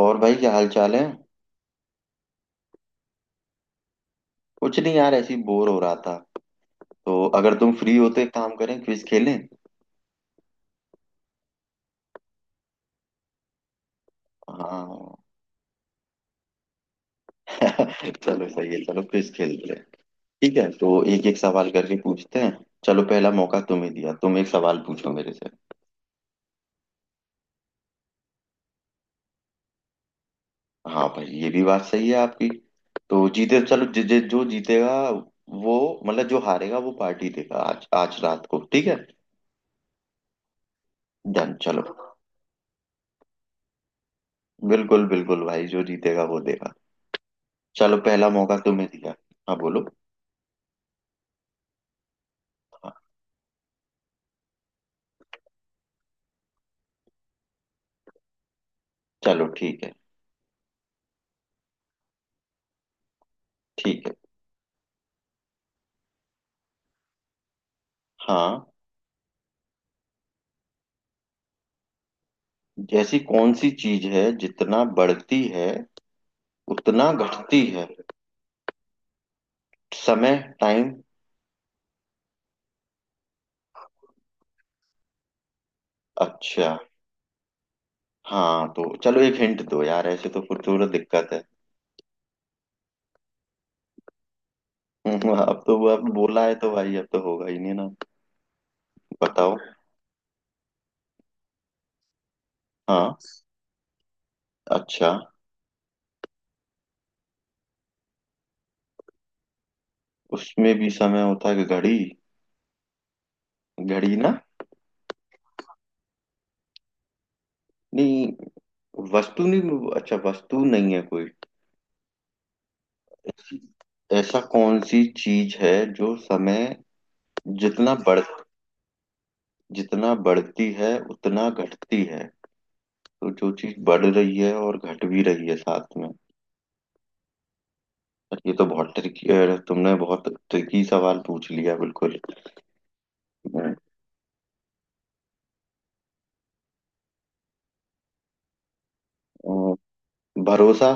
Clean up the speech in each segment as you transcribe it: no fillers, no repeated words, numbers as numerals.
और भाई, क्या हाल चाल है? कुछ नहीं यार, ऐसी बोर हो रहा था। तो अगर तुम फ्री हो, तो एक काम करें, क्विज खेलें। हाँ। चलो, सही है। चलो, क्विज खेलते हैं। ठीक है, तो एक एक सवाल करके पूछते हैं। चलो, पहला मौका तुम्हें दिया, तुम एक सवाल पूछो मेरे से। हाँ भाई, ये भी बात सही है आपकी। तो जीते, चलो जि, जि, जो जीतेगा वो... मतलब जो हारेगा वो पार्टी देगा आज आज रात को, ठीक है। डन, चलो। बिल्कुल बिल्कुल भाई, जो जीतेगा वो देगा। चलो, पहला मौका तुम्हें दिया। हाँ, बोलो। चलो ठीक है। ठीक है। हाँ। ऐसी कौन सी चीज है जितना बढ़ती है उतना घटती है? समय? टाइम? अच्छा। हाँ तो चलो, एक हिंट दो यार, ऐसे तो फिर थोड़ा दिक्कत है। अब तो वो आपने बोला है तो भाई अब तो होगा ही नहीं ना। बताओ। हाँ। अच्छा। उसमें भी समय होता है, कि घड़ी? घड़ी ना? नहीं। वस्तु नहीं। अच्छा, वस्तु नहीं है कोई? ऐसा कौन सी चीज है जो समय... जितना बढ़... जितना बढ़ती है उतना घटती है। तो जो चीज बढ़ रही है और घट भी रही है साथ में... पर ये तो बहुत ट्रिकी... तुमने बहुत ट्रिकी सवाल पूछ लिया बिल्कुल। अ, भरोसा?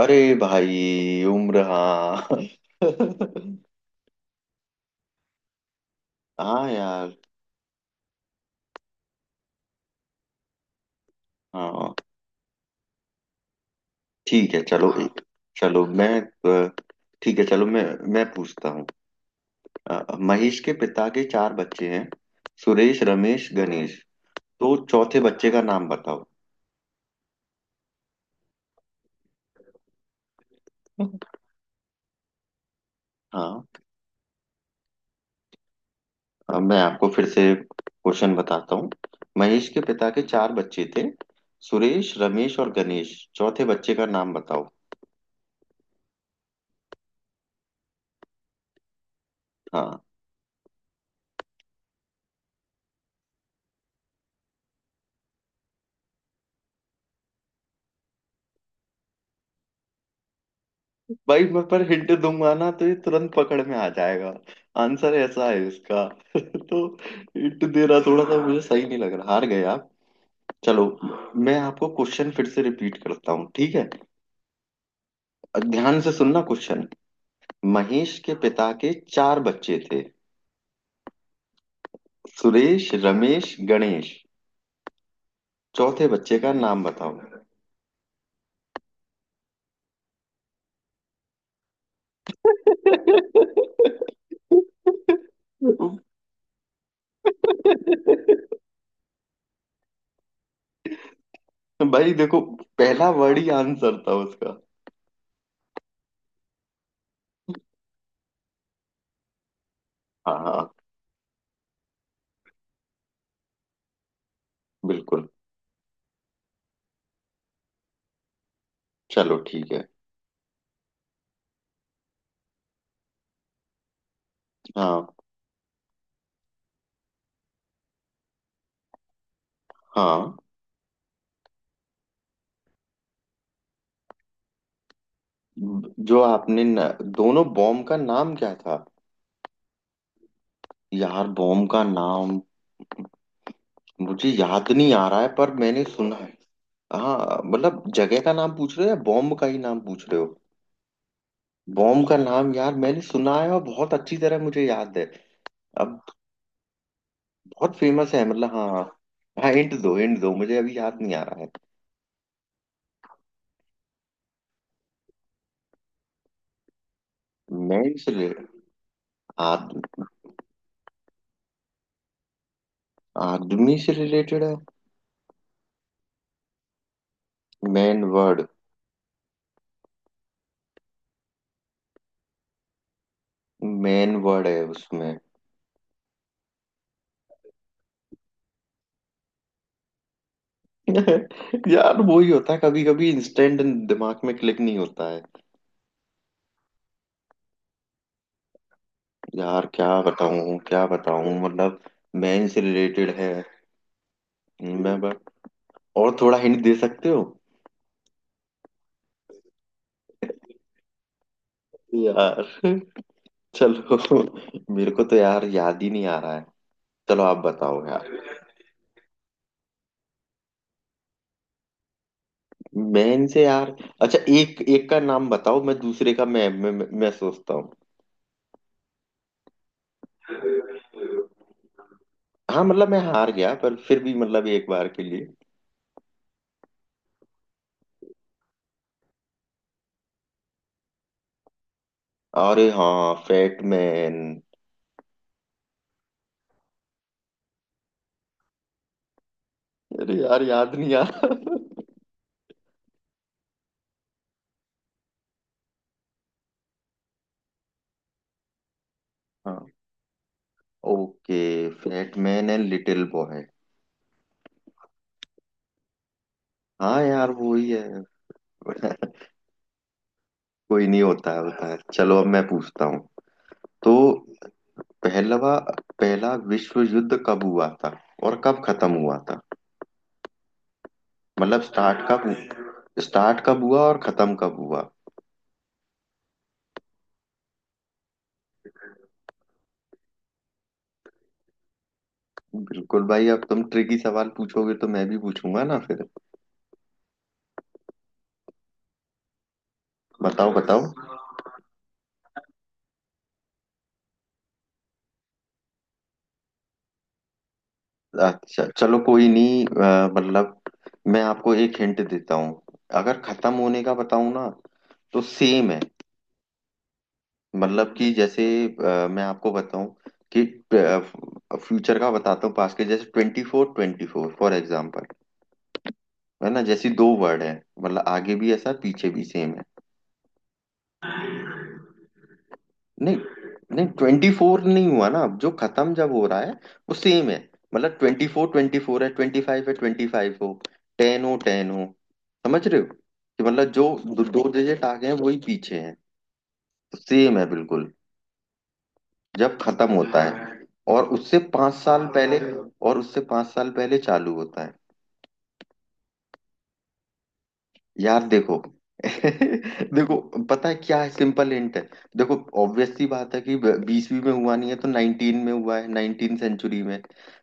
अरे भाई, उम्र? हाँ। हाँ यार। हाँ ठीक है, चलो एक... चलो मैं... अ, ठीक है, चलो मैं... मैं पूछता हूँ। महेश के पिता के चार बच्चे हैं। सुरेश, रमेश, गणेश। तो चौथे बच्चे का नाम बताओ। हाँ। अब मैं आपको फिर से क्वेश्चन बताता हूँ। महेश के पिता के चार बच्चे थे। सुरेश, रमेश और गणेश। चौथे बच्चे का नाम बताओ। हाँ भाई, मैं पर हिंट दूंगा ना तो ये तुरंत पकड़ में आ जाएगा। आंसर ऐसा है इसका। तो हिंट दे रहा, थोड़ा सा मुझे सही नहीं लग रहा। हार गए आप। चलो, मैं आपको क्वेश्चन फिर से रिपीट करता हूँ, ठीक है? ध्यान से सुनना क्वेश्चन। महेश के पिता के चार बच्चे थे। सुरेश, रमेश, गणेश। चौथे बच्चे का नाम बताओ। भाई देखो, पहला वर्ड ही आंसर था उसका। हाँ हाँ, बिल्कुल। चलो ठीक है। हाँ। हाँ। जो आपने न, दोनों बॉम्ब का नाम क्या था? यार, बॉम्ब का नाम मुझे याद नहीं आ रहा है, पर मैंने सुना है। हाँ मतलब, जगह का नाम पूछ रहे हो या बॉम्ब का ही नाम पूछ रहे हो? बॉम्ब का नाम। यार, मैंने सुना है और बहुत अच्छी तरह मुझे याद है। अब... बहुत फेमस है, मतलब हाँ। हाँ, हिंट दो, हिंट दो, मुझे अभी याद नहीं आ रहा है। मैन से रिले... आद, आदमी से रिलेटेड है? Man word? मैन वर्ड है उसमें? यार, वो ही होता है कभी कभी, इंस्टेंट दिमाग में क्लिक नहीं होता है। यार, क्या बताऊं क्या बताऊं, मतलब... मैन से रिलेटेड है। मैं बस... और थोड़ा हिंट दे सकते हो? यार। चलो। मेरे को तो यार याद ही नहीं आ रहा है। चलो आप बताओ यार। मैन से यार... अच्छा, एक एक का नाम बताओ, मैं दूसरे का मैं सोचता हूँ। हाँ मतलब मैं हार गया, पर फिर भी मतलब, एक बार के लिए... अरे हाँ, फैटमैन। अरे यार, याद नहीं आ रहा। हाँ। Okay. Fat Man and little boy. हाँ यार, वो ही है। कोई नहीं, होता है होता है। चलो, अब मैं पूछता हूँ। तो... पहलवा पहला विश्व युद्ध कब हुआ था और कब खत्म हुआ था? मतलब स्टार्ट कब हुआ और खत्म कब हुआ? बिल्कुल भाई, अब तुम ट्रिकी सवाल पूछोगे तो मैं भी पूछूंगा ना फिर। बताओ बताओ। अच्छा चलो, कोई नहीं, मतलब मैं आपको एक हिंट देता हूँ। अगर खत्म होने का बताऊँ ना तो सेम है। मतलब कि जैसे मैं आपको बताऊँ कि... फ्यूचर का बताता हूँ, पास के, जैसे ट्वेंटी फोर फॉर एग्जाम्पल, है ना? जैसी दो वर्ड है, मतलब आगे भी ऐसा पीछे भी सेम है। नहीं। नहीं ट्वेंटी फोर नहीं हुआ ना, अब जो खत्म जब हो रहा है वो सेम है। मतलब ट्वेंटी फोर है, ट्वेंटी फाइव है, ट्वेंटी फाइव हो, टेन हो टेन हो। समझ रहे हो कि मतलब, जो दो डिजिट आगे हैं वही पीछे हैं, सेम है बिल्कुल। जब खत्म होता है और उससे 5 साल पहले... और उससे पांच साल पहले चालू होता है। यार देखो... देखो, पता है क्या है? सिंपल हिंट है। देखो, ऑब्वियस सी बात है कि बीसवीं में हुआ नहीं है तो नाइनटीन में हुआ है, नाइनटीन सेंचुरी में।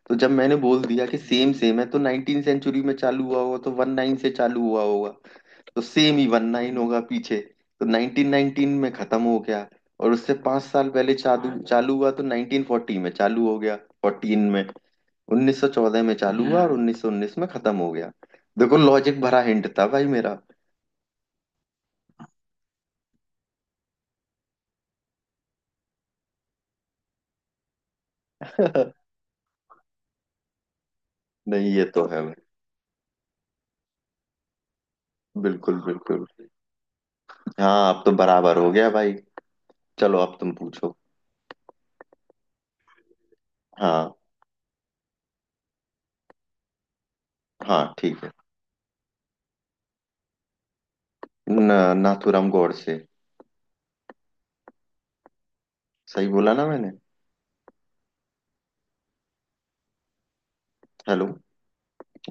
तो जब मैंने बोल दिया कि सेम सेम है, तो नाइनटीन सेंचुरी में चालू हुआ होगा, तो वन नाइन से चालू हुआ होगा। तो सेम ही वन नाइन होगा पीछे। तो 1919 में खत्म हो गया। और उससे पांच साल पहले चालू चालू हुआ तो 1940 में चालू हो गया। फोर्टीन में... 1914 में चालू हुआ और 1919 में खत्म हो गया। देखो, लॉजिक भरा हिंट था भाई मेरा। नहीं, ये तो है भाई। बिल्कुल बिल्कुल। हाँ, अब तो बराबर हो गया भाई। चलो, अब तुम पूछो। हाँ हाँ। ठीक है। न, नाथूराम गोडसे। सही बोला ना मैंने? हेलो?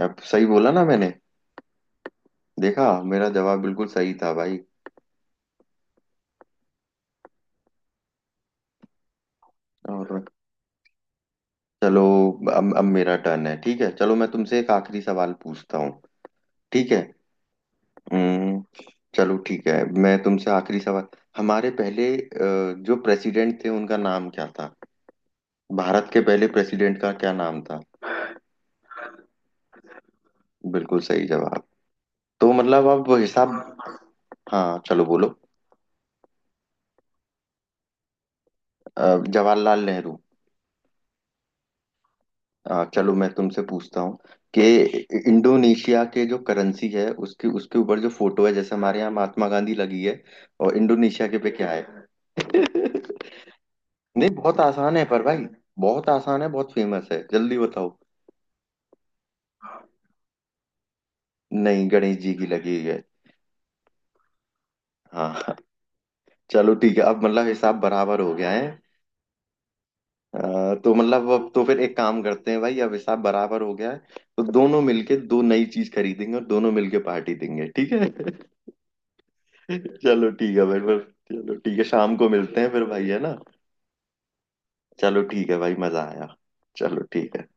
अब सही बोला ना मैंने? देखा, मेरा जवाब बिल्कुल सही था भाई। और... चलो, अब मेरा टर्न है, ठीक है। चलो, मैं तुमसे एक आखिरी सवाल पूछता हूँ, ठीक है? हम्म, चलो ठीक है, मैं तुमसे आखिरी सवाल... हमारे पहले जो प्रेसिडेंट थे उनका नाम क्या था? भारत के पहले प्रेसिडेंट का क्या नाम था? बिल्कुल सही जवाब। तो मतलब अब हिसाब... हाँ, चलो बोलो। अ, जवाहरलाल नेहरू। चलो, मैं तुमसे पूछता हूँ कि इंडोनेशिया के जो करेंसी है, उसके उसके ऊपर जो फोटो है, जैसे हमारे यहाँ महात्मा गांधी लगी है, और इंडोनेशिया के पे क्या है? नहीं, बहुत आसान है पर भाई, बहुत आसान है, बहुत फेमस है, जल्दी बताओ। नहीं, गणेश जी की लगी है। हाँ। चलो ठीक है, अब मतलब हिसाब बराबर हो गया है। तो मतलब, अब तो फिर एक काम करते हैं भाई, अब हिसाब बराबर हो गया है। तो दोनों मिलके दो नई चीज खरीदेंगे और दोनों मिलके पार्टी देंगे, ठीक है। चलो ठीक है भाई फिर। चलो ठीक है, शाम को मिलते हैं फिर भाई, है ना? चलो ठीक है भाई, मजा आया। चलो ठीक है।